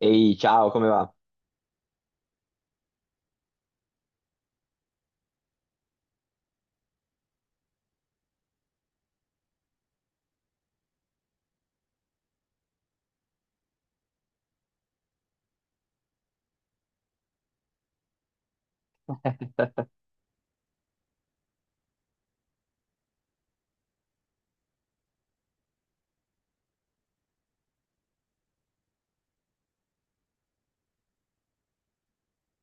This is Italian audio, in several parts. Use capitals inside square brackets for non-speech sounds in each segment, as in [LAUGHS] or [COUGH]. Ehi, ciao, come va?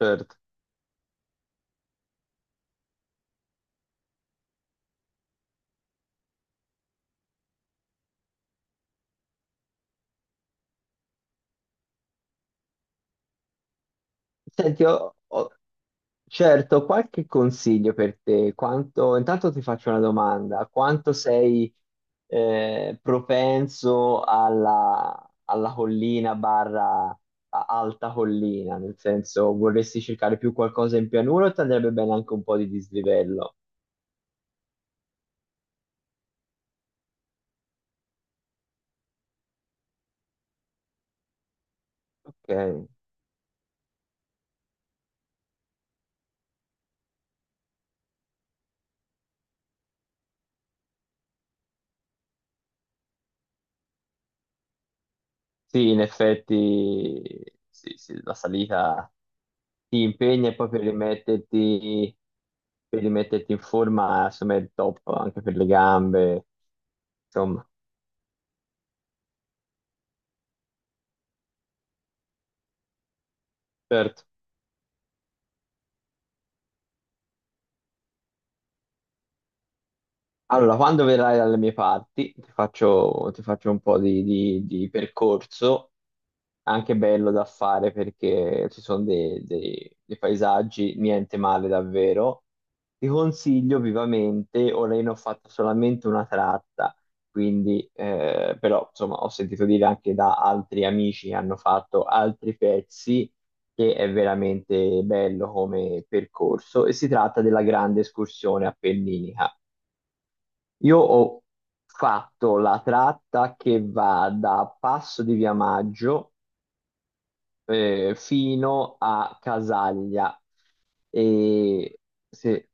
Certo. Senti, certo, ho qualche consiglio per te. Intanto ti faccio una domanda. Quanto sei propenso alla collina barra alta collina? Nel senso, vorresti cercare più qualcosa in pianura o ti andrebbe bene anche un po' di dislivello? Ok. Sì, in effetti, sì, sì, la salita. Ti impegni e poi per rimetterti in forma, insomma, è il top anche per le gambe, insomma. Certo. Allora, quando verrai dalle mie parti, ti faccio un po' di percorso anche bello da fare perché ci sono dei paesaggi, niente male davvero. Ti consiglio vivamente, ora io ne ho fatto solamente una tratta, quindi però insomma ho sentito dire anche da altri amici che hanno fatto altri pezzi, che è veramente bello come percorso, e si tratta della grande escursione appenninica. Io ho fatto la tratta che va da Passo di Via Maggio fino a Casaglia. E sì,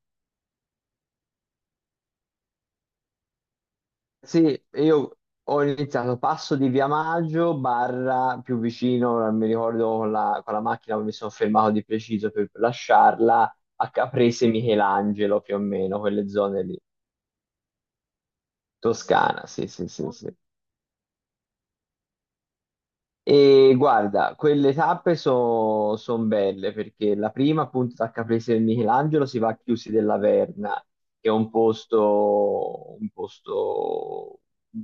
sì, io ho iniziato passo di Via Maggio, barra più vicino, non mi ricordo con la macchina dove mi sono fermato di preciso per lasciarla, a Caprese Michelangelo più o meno, quelle zone lì. Toscana, sì, sì, sì, sì. E guarda, quelle tappe sono belle perché la prima, appunto, da Caprese del Michelangelo si va a Chiusi della Verna, che è un posto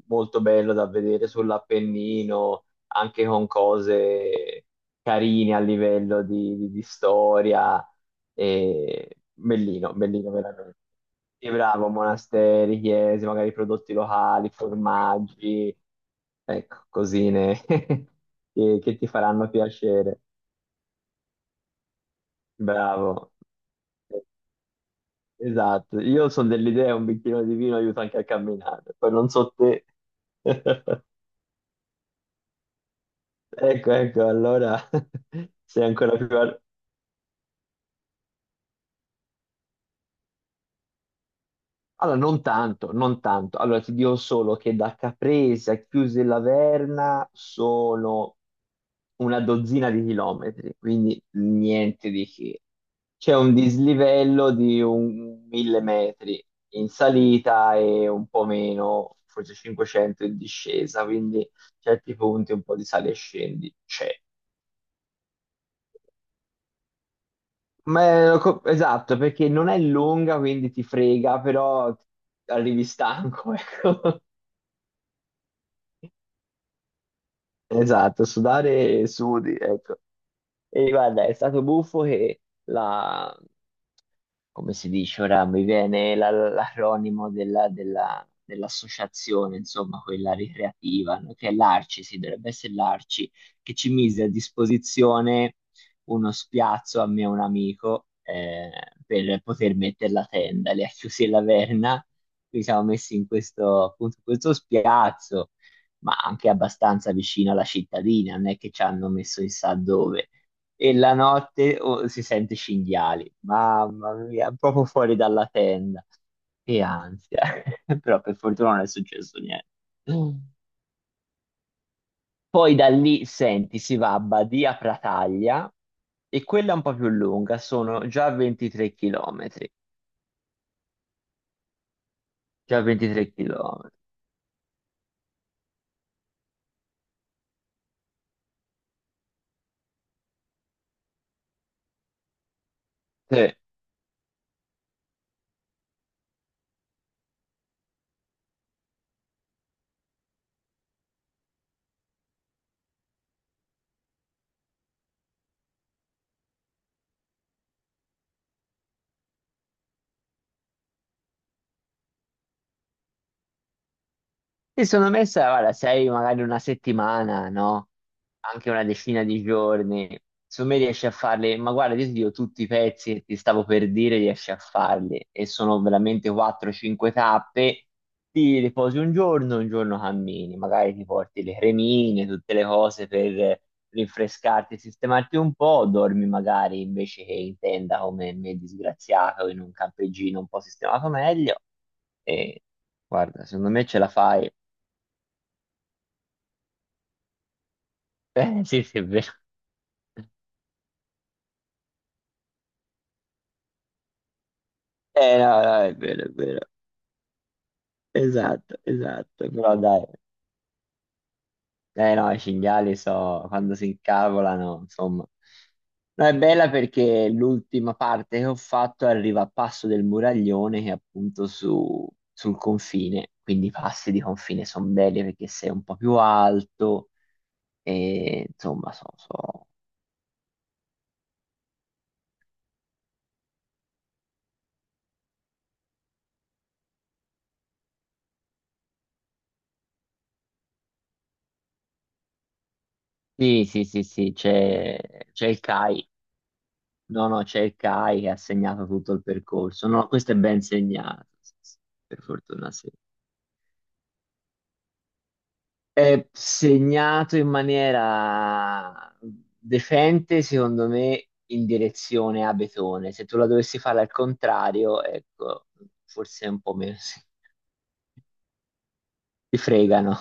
molto bello da vedere sull'Appennino, anche con cose carine a livello di storia e bellino, bellino veramente. Sì, bravo, monasteri, chiese, magari prodotti locali, formaggi, ecco, cosine [LAUGHS] che ti faranno piacere. Bravo, eh, esatto. Io sono dell'idea un bicchierino di vino aiuta anche a camminare, poi non so te. [LAUGHS] Ecco, ecco, allora [LAUGHS] sei ancora più... ar- Allora, non tanto, non tanto. Allora, ti dico solo che da Caprese a Chiusi e Laverna sono una dozzina di km, quindi niente di che. C'è un dislivello di un 1000 metri in salita e un po' meno, forse 500 in discesa, quindi certi punti un po' di sale e scendi c'è. Ma è co- esatto, perché non è lunga, quindi ti frega, però arrivi stanco, [LAUGHS] ecco. Esatto, sudare e sudi, ecco. E guarda, è stato buffo che la come si dice ora, mi viene l'acronimo dell'associazione, insomma, quella ricreativa, no? Che è l'ARCI, sì, dovrebbe essere l'ARCI, che ci mise a disposizione uno spiazzo a me e un amico per poter mettere la tenda, le ha chiusi la verna, quindi siamo messi in questo, appunto, in questo spiazzo, ma anche abbastanza vicino alla cittadina, non è che ci hanno messo chissà dove. E la notte oh, si sente cinghiali. Mamma mia, proprio fuori dalla tenda. Che ansia. [LAUGHS] Però per fortuna non è successo niente. Poi da lì, senti, si va a Badia Prataglia e quella è un po' più lunga, sono già 23 chilometri. Già 23 chilometri. Sì. Mi sono messa, guarda, sei magari una settimana, no? Anche una decina di giorni. Su me riesci a farli, ma guarda, io ti dico tutti i pezzi che ti stavo per dire, riesci a farli. E sono veramente 4-5 tappe. Ti riposi un giorno cammini. Magari ti porti le cremine, tutte le cose per rinfrescarti e sistemarti un po'. Dormi magari invece che in tenda come me disgraziato in un campeggino un po' sistemato meglio. E guarda, secondo me ce la fai. Sì, sì, è vero. No, no, è vero, è vero. Esatto, esatto. Però dai, no, i cinghiali so, quando si incavolano, insomma. No, è bella perché l'ultima parte che ho fatto arriva a Passo del Muraglione, che è appunto su, sul confine. Quindi i passi di confine sono belli perché sei un po' più alto e insomma, so, so. Sì, sì, sì, sì, c'è il CAI. No, no, c'è il CAI che ha segnato tutto il percorso. No, questo è ben segnato, sì, sì, per fortuna sì. È segnato in maniera decente, secondo me, in direzione a Betone. Se tu la dovessi fare al contrario, ecco, forse un po' meno si, si fregano.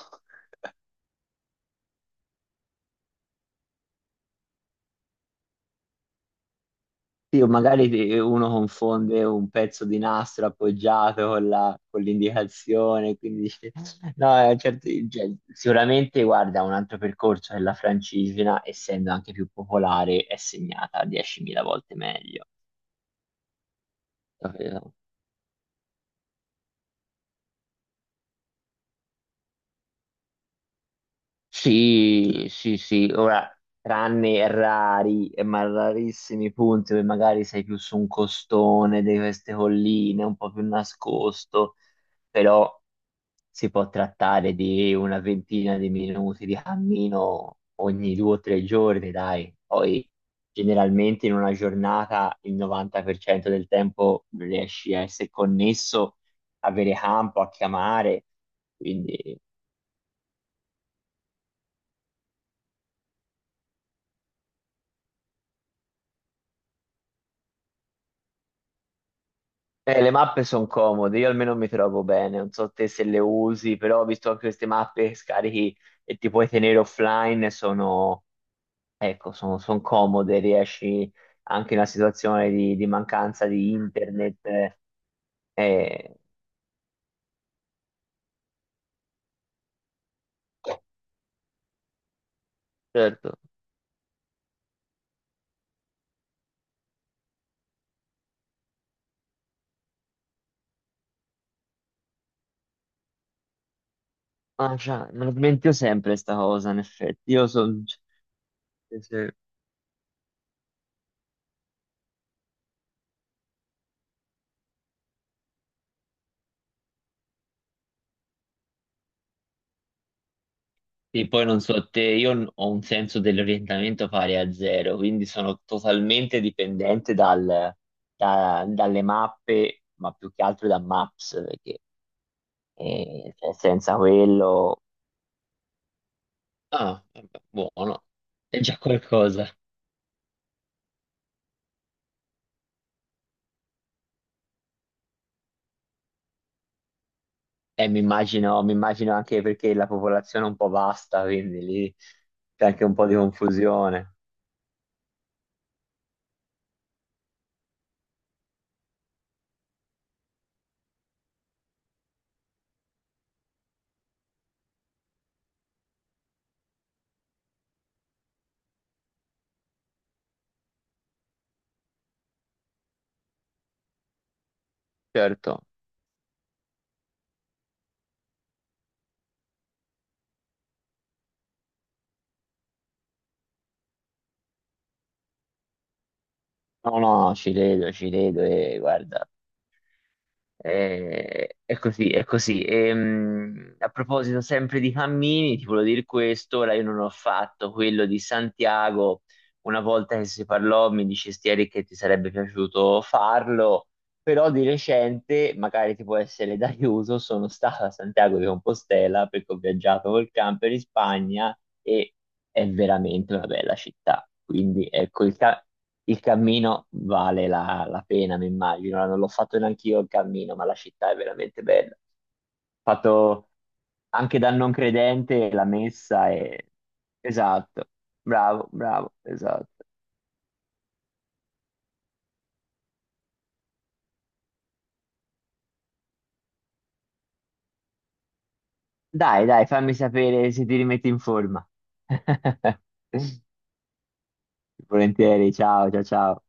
Sì, o magari ti- uno confonde un pezzo di nastro appoggiato con con l'indicazione, quindi dice- no, certo, cioè, sicuramente guarda un altro percorso che la francigena, essendo anche più popolare, è segnata 10.000 volte meglio. Eh, Sì, sì, sì, ora, tranne rari, ma rarissimi punti dove magari sei più su un costone di queste colline, un po' più nascosto, però si può trattare di una ventina di minuti di cammino ogni due o tre giorni, dai. Poi generalmente in una giornata il 90% del tempo riesci a essere connesso, avere campo, a chiamare, quindi... le mappe sono comode, io almeno mi trovo bene, non so te se le usi, però ho visto che queste mappe che scarichi e ti puoi tenere offline, sono... Ecco, sono comode, riesci anche in una situazione di mancanza di internet. Eh, certo, ah, già, me lo dimentico sempre sta cosa, in effetti. Io sono... Sì, poi non so te, io n- ho un senso dell'orientamento pari a zero, quindi sono totalmente dipendente dalle mappe, ma più che altro da Maps, perché cioè, senza quello... Ah, vabbè, buono, è già qualcosa. E mi immagino anche perché la popolazione è un po' vasta, quindi lì c'è anche un po' di confusione. Certo. No, no, ci credo e guarda, eh, è così, è così. E, a proposito sempre di cammini, ti volevo dire questo, ora io non ho fatto quello di Santiago. Una volta che si parlò, mi dicesti Eric che ti sarebbe piaciuto farlo, però di recente, magari ti può essere d'aiuto, sono stato a Santiago di Compostela perché ho viaggiato col camper in Spagna e è veramente una bella città. Quindi ecco il cammino vale la pena, mi immagino. Non l'ho fatto neanche io il cammino, ma la città è veramente bella. Fatto anche da non credente, la messa è... Esatto, bravo, bravo, esatto. Dai, dai, fammi sapere se ti rimetti in forma. [LAUGHS] Volentieri, ciao, ciao, ciao.